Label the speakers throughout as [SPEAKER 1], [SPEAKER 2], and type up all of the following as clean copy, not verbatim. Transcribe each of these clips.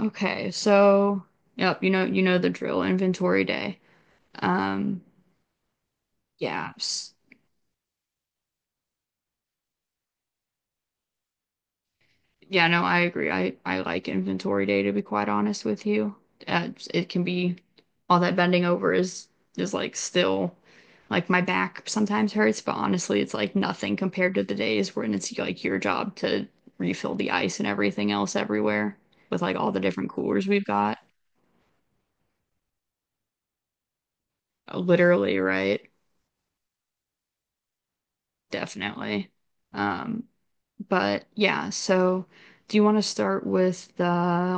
[SPEAKER 1] Okay, so yep, you know the drill, inventory day. Um, yeah, s- yeah, no, I agree. I like inventory day to be quite honest with you. It can be All that bending over is like still like my back sometimes hurts, but honestly, it's like nothing compared to the days when it's like your job to refill the ice and everything else everywhere with like all the different coolers we've got. Literally, right? Definitely. Um, But yeah, so do you want to start with the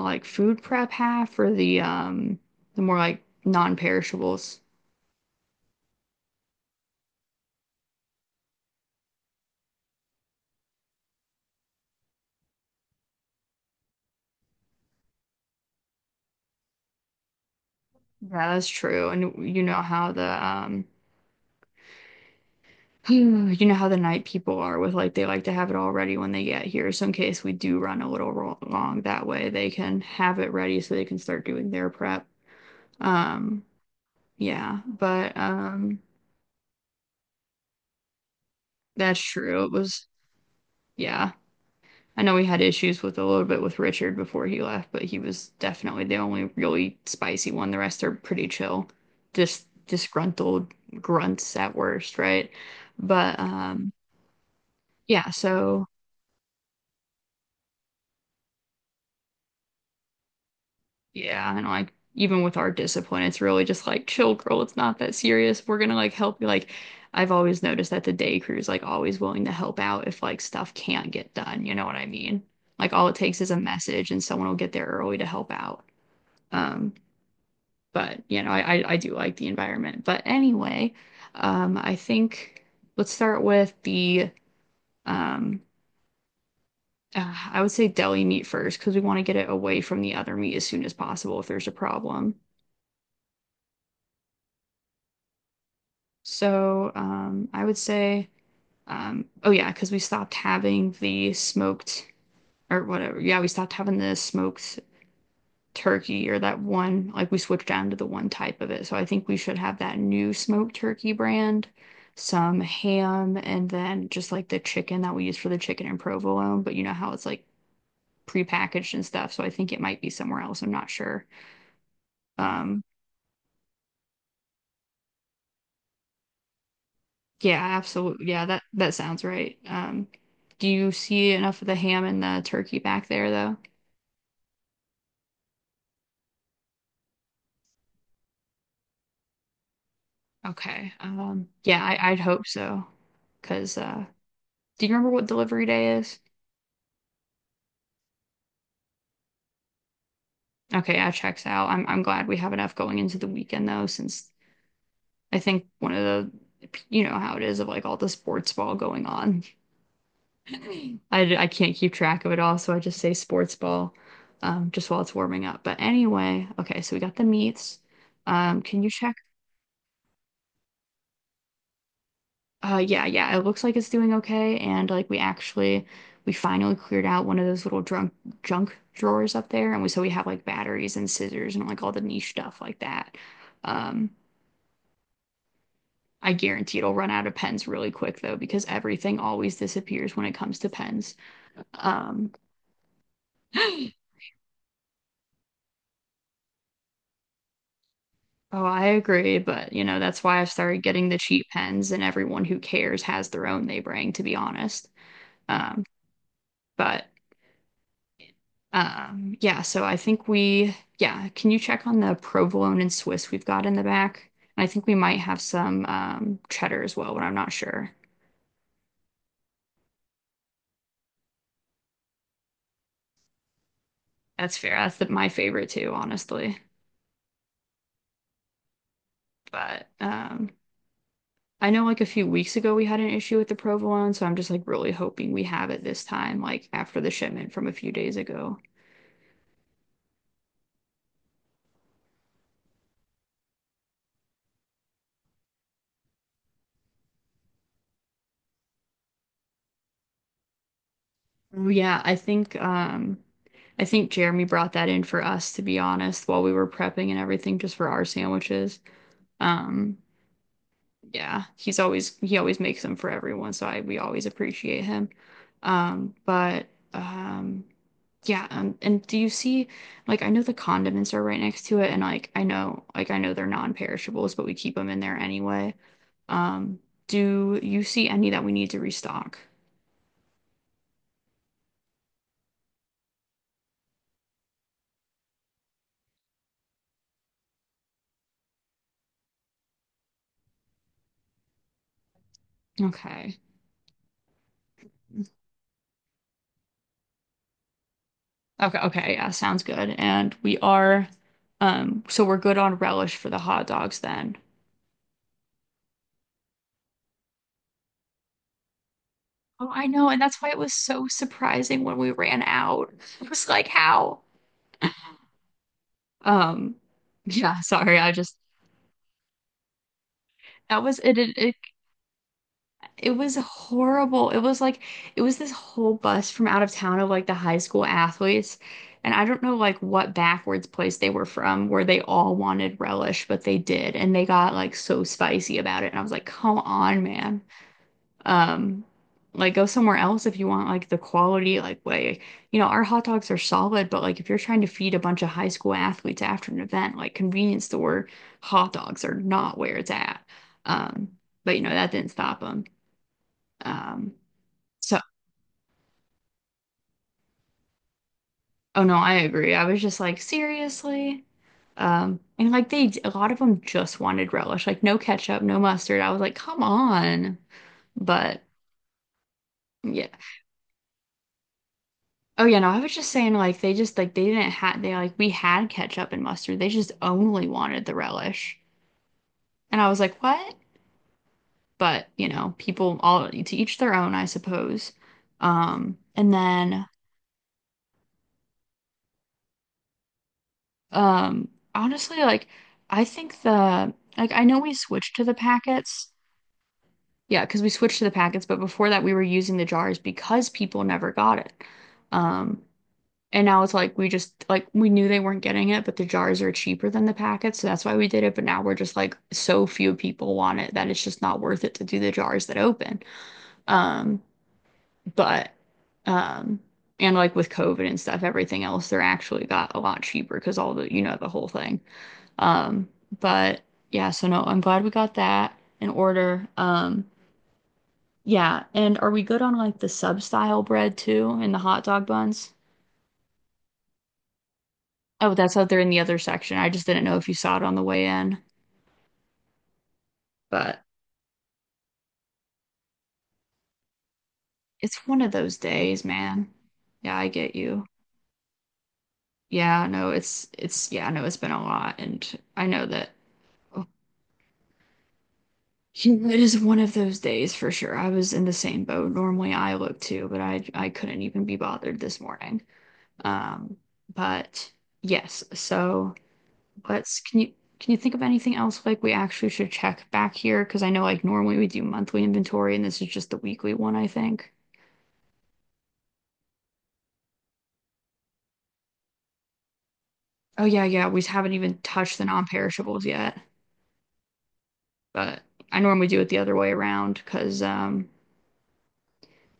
[SPEAKER 1] like food prep half or the the more like non-perishables? Yeah, that's true. And you know how the you know how the night people are with like they like to have it all ready when they get here. So in case we do run a little long that way, they can have it ready so they can start doing their prep. Um yeah, but That's true. It was yeah. I know we had issues with a little bit with Richard before he left, but he was definitely the only really spicy one. The rest are pretty chill, just disgruntled grunts at worst, right? But yeah, so Yeah, and like even with our discipline, it's really just like chill, girl. It's not that serious. We're gonna like help you. Like I've always noticed that the day crew is like always willing to help out if like stuff can't get done. You know what I mean? Like all it takes is a message, and someone will get there early to help out. Um, but you know, I do like the environment. But anyway, I think let's start with the um, I would say deli meat first because we want to get it away from the other meat as soon as possible if there's a problem. So I would say oh yeah, because we stopped having the smoked or whatever. Yeah, we stopped having the smoked turkey or that one, like we switched down to the one type of it. So I think we should have that new smoked turkey brand, some ham, and then just like the chicken that we use for the chicken and provolone. But you know how it's like prepackaged and stuff. So I think it might be somewhere else. I'm not sure. Um, yeah, absolutely. Yeah, that sounds right. Do you see enough of the ham and the turkey back there though? Okay. Yeah, I'd hope so. Cause do you remember what delivery day is? Okay, yeah, checks out. I'm glad we have enough going into the weekend though, since I think one of the you know how it is of like all the sports ball going on. I I can't keep track of it all, so I just say sports ball, just while it's warming up. But anyway, okay, so we got the meats. Can you check? Yeah, it looks like it's doing okay, and like we finally cleared out one of those little drunk junk drawers up there, and we so we have like batteries and scissors and like all the niche stuff like that. Um. I guarantee it'll run out of pens really quick though, because everything always disappears when it comes to pens. Um, oh, I agree, but you know, that's why I've started getting the cheap pens, and everyone who cares has their own they bring, to be honest. Um, but Yeah, so yeah, can you check on the provolone and Swiss we've got in the back? And I think we might have some cheddar as well, but I'm not sure. That's fair. That's my favorite too, honestly. But I know like a few weeks ago we had an issue with the provolone, so I'm just like really hoping we have it this time, like after the shipment from a few days ago. Yeah, I think Jeremy brought that in for us to be honest while we were prepping and everything just for our sandwiches. Um yeah, he always makes them for everyone, so I we always appreciate him. But um Yeah, and do you see, like, I know the condiments are right next to it, and like, I know they're non-perishables, but we keep them in there anyway. Um, do you see any that we need to restock? Okay. Okay, okay, yeah, sounds good. And so we're good on relish for the hot dogs then. Oh, I know, and that's why it was so surprising when we ran out. It was like, how? Um, yeah, sorry, I just that was it, it. It was horrible. It was this whole bus from out of town of like the high school athletes. And I don't know like what backwards place they were from where they all wanted relish, but they did. And they got like so spicy about it. And I was like, come on, man. Um, like go somewhere else if you want like the quality like way. You know, our hot dogs are solid, but like if you're trying to feed a bunch of high school athletes after an event, like convenience store hot dogs are not where it's at. Um, but you know, that didn't stop them. Um, so, oh no, I agree. I was just like, seriously? And like they, a lot of them just wanted relish, like no ketchup, no mustard. I was like, come on. But yeah. Oh yeah, no, I was just saying like they just like they didn't have they like we had ketchup and mustard. They just only wanted the relish. And I was like, what? But you know, people all to each their own, I suppose. And then um Honestly, like I know we switched to the packets. Yeah, because we switched to the packets, but before that we were using the jars because people never got it. Um, and now it's like we just like we knew they weren't getting it, but the jars are cheaper than the packets, so that's why we did it. But now we're just like so few people want it that it's just not worth it to do the jars that open. Um, but um and like with COVID and stuff, everything else they're actually got a lot cheaper because all the you know the whole thing. Um, but Yeah, so no, I'm glad we got that in order. Yeah, and are we good on like the sub style bread too and the hot dog buns? Oh, that's out there in the other section. I just didn't know if you saw it on the way in, but it's one of those days, man. Yeah, I get you. Yeah, no, it's yeah, no, it's been a lot, and I know that oh, it is one of those days for sure. I was in the same boat. Normally, I look too, but I couldn't even be bothered this morning. Um, but Yes, so. Let's Can you think of anything else like we actually should check back here? Because I know like normally we do monthly inventory and this is just the weekly one, I think. Oh yeah, yeah, we haven't even touched the non-perishables yet, but I normally do it the other way around because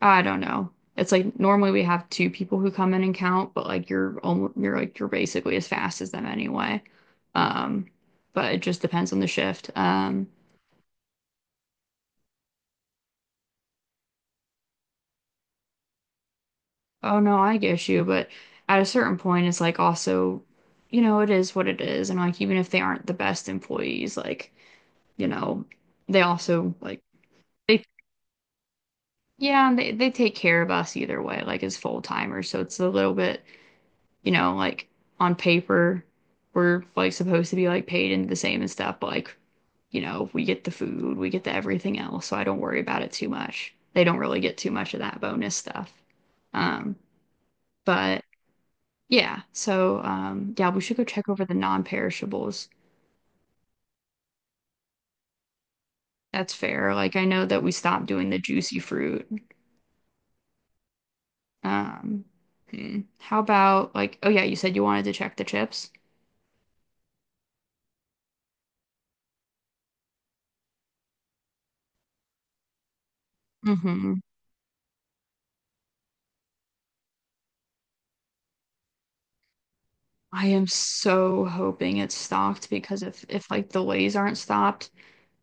[SPEAKER 1] I don't know. It's like normally we have two people who come in and count, but like you're almost you're like you're basically as fast as them anyway. Um, but it just depends on the shift. Oh no, I get you, but at a certain point, it's like also, you know, it is what it is, and like even if they aren't the best employees, like you know, they also like they yeah, and they take care of us either way, like as full timers, so it's a little bit, you know, like on paper, we're like supposed to be like paid into the same and stuff, but like you know, we get the food, we get the everything else, so I don't worry about it too much. They don't really get too much of that bonus stuff, um, but. Yeah. So, yeah, we should go check over the non-perishables. That's fair. Like, I know that we stopped doing the juicy fruit. Um, hmm. How about like, oh yeah, you said you wanted to check the chips. hmm I am so hoping it's stocked because if like the Lays aren't stocked,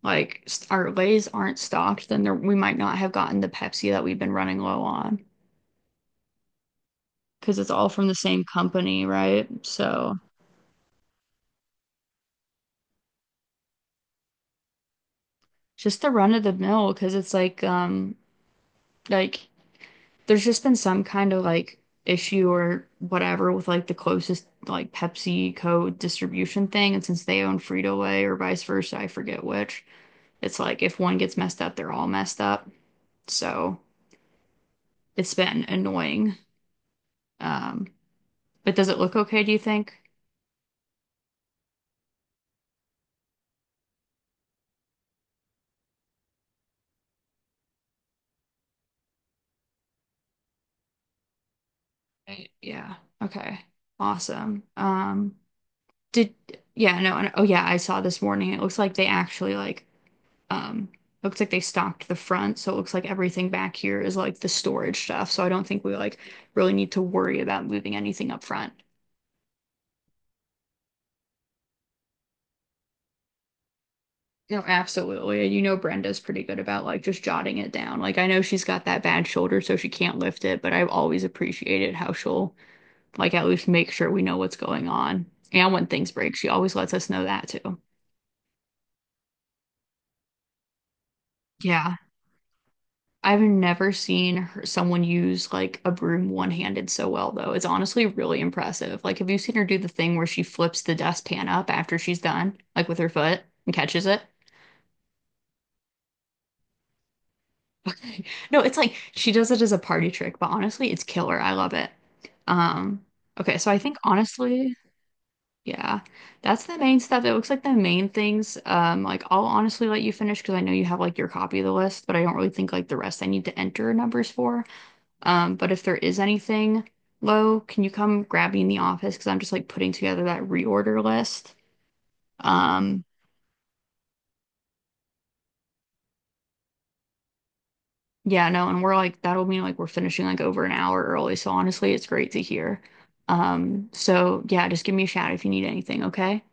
[SPEAKER 1] like our Lays aren't stocked, then there, we might not have gotten the Pepsi that we've been running low on because it's all from the same company, right? So just the run of the mill because it's like like there's just been some kind of like issue or whatever with like the closest like PepsiCo distribution thing, and since they own Frito-Lay or vice versa, I forget which, it's like if one gets messed up, they're all messed up. So it's been annoying. Um, but does it look okay, do you think? Right. Yeah. Okay. Awesome. Did Yeah, no, and, oh yeah, I saw this morning. It looks like they stocked the front, so it looks like everything back here is like the storage stuff. So I don't think we really need to worry about moving anything up front. No, absolutely. You know Brenda's pretty good about like just jotting it down. Like I know she's got that bad shoulder, so she can't lift it, but I've always appreciated how she'll like at least make sure we know what's going on. And when things break, she always lets us know that too. Yeah. I've never seen someone use like a broom one-handed so well, though. It's honestly really impressive. Like, have you seen her do the thing where she flips the dustpan up after she's done, like with her foot and catches it? Okay. No, it's like she does it as a party trick, but honestly, it's killer. I love it. Um, okay, so I think honestly, yeah, that's the main stuff. It looks like the main things. Like I'll honestly let you finish because I know you have like your copy of the list, but I don't really think like the rest I need to enter numbers for. But if there is anything low, can you come grab me in the office? Because I'm just like putting together that reorder list. Um, yeah, no, and we're like, that'll mean like we're finishing like over an hour early. So honestly, it's great to hear. So yeah, just give me a shout if you need anything, okay?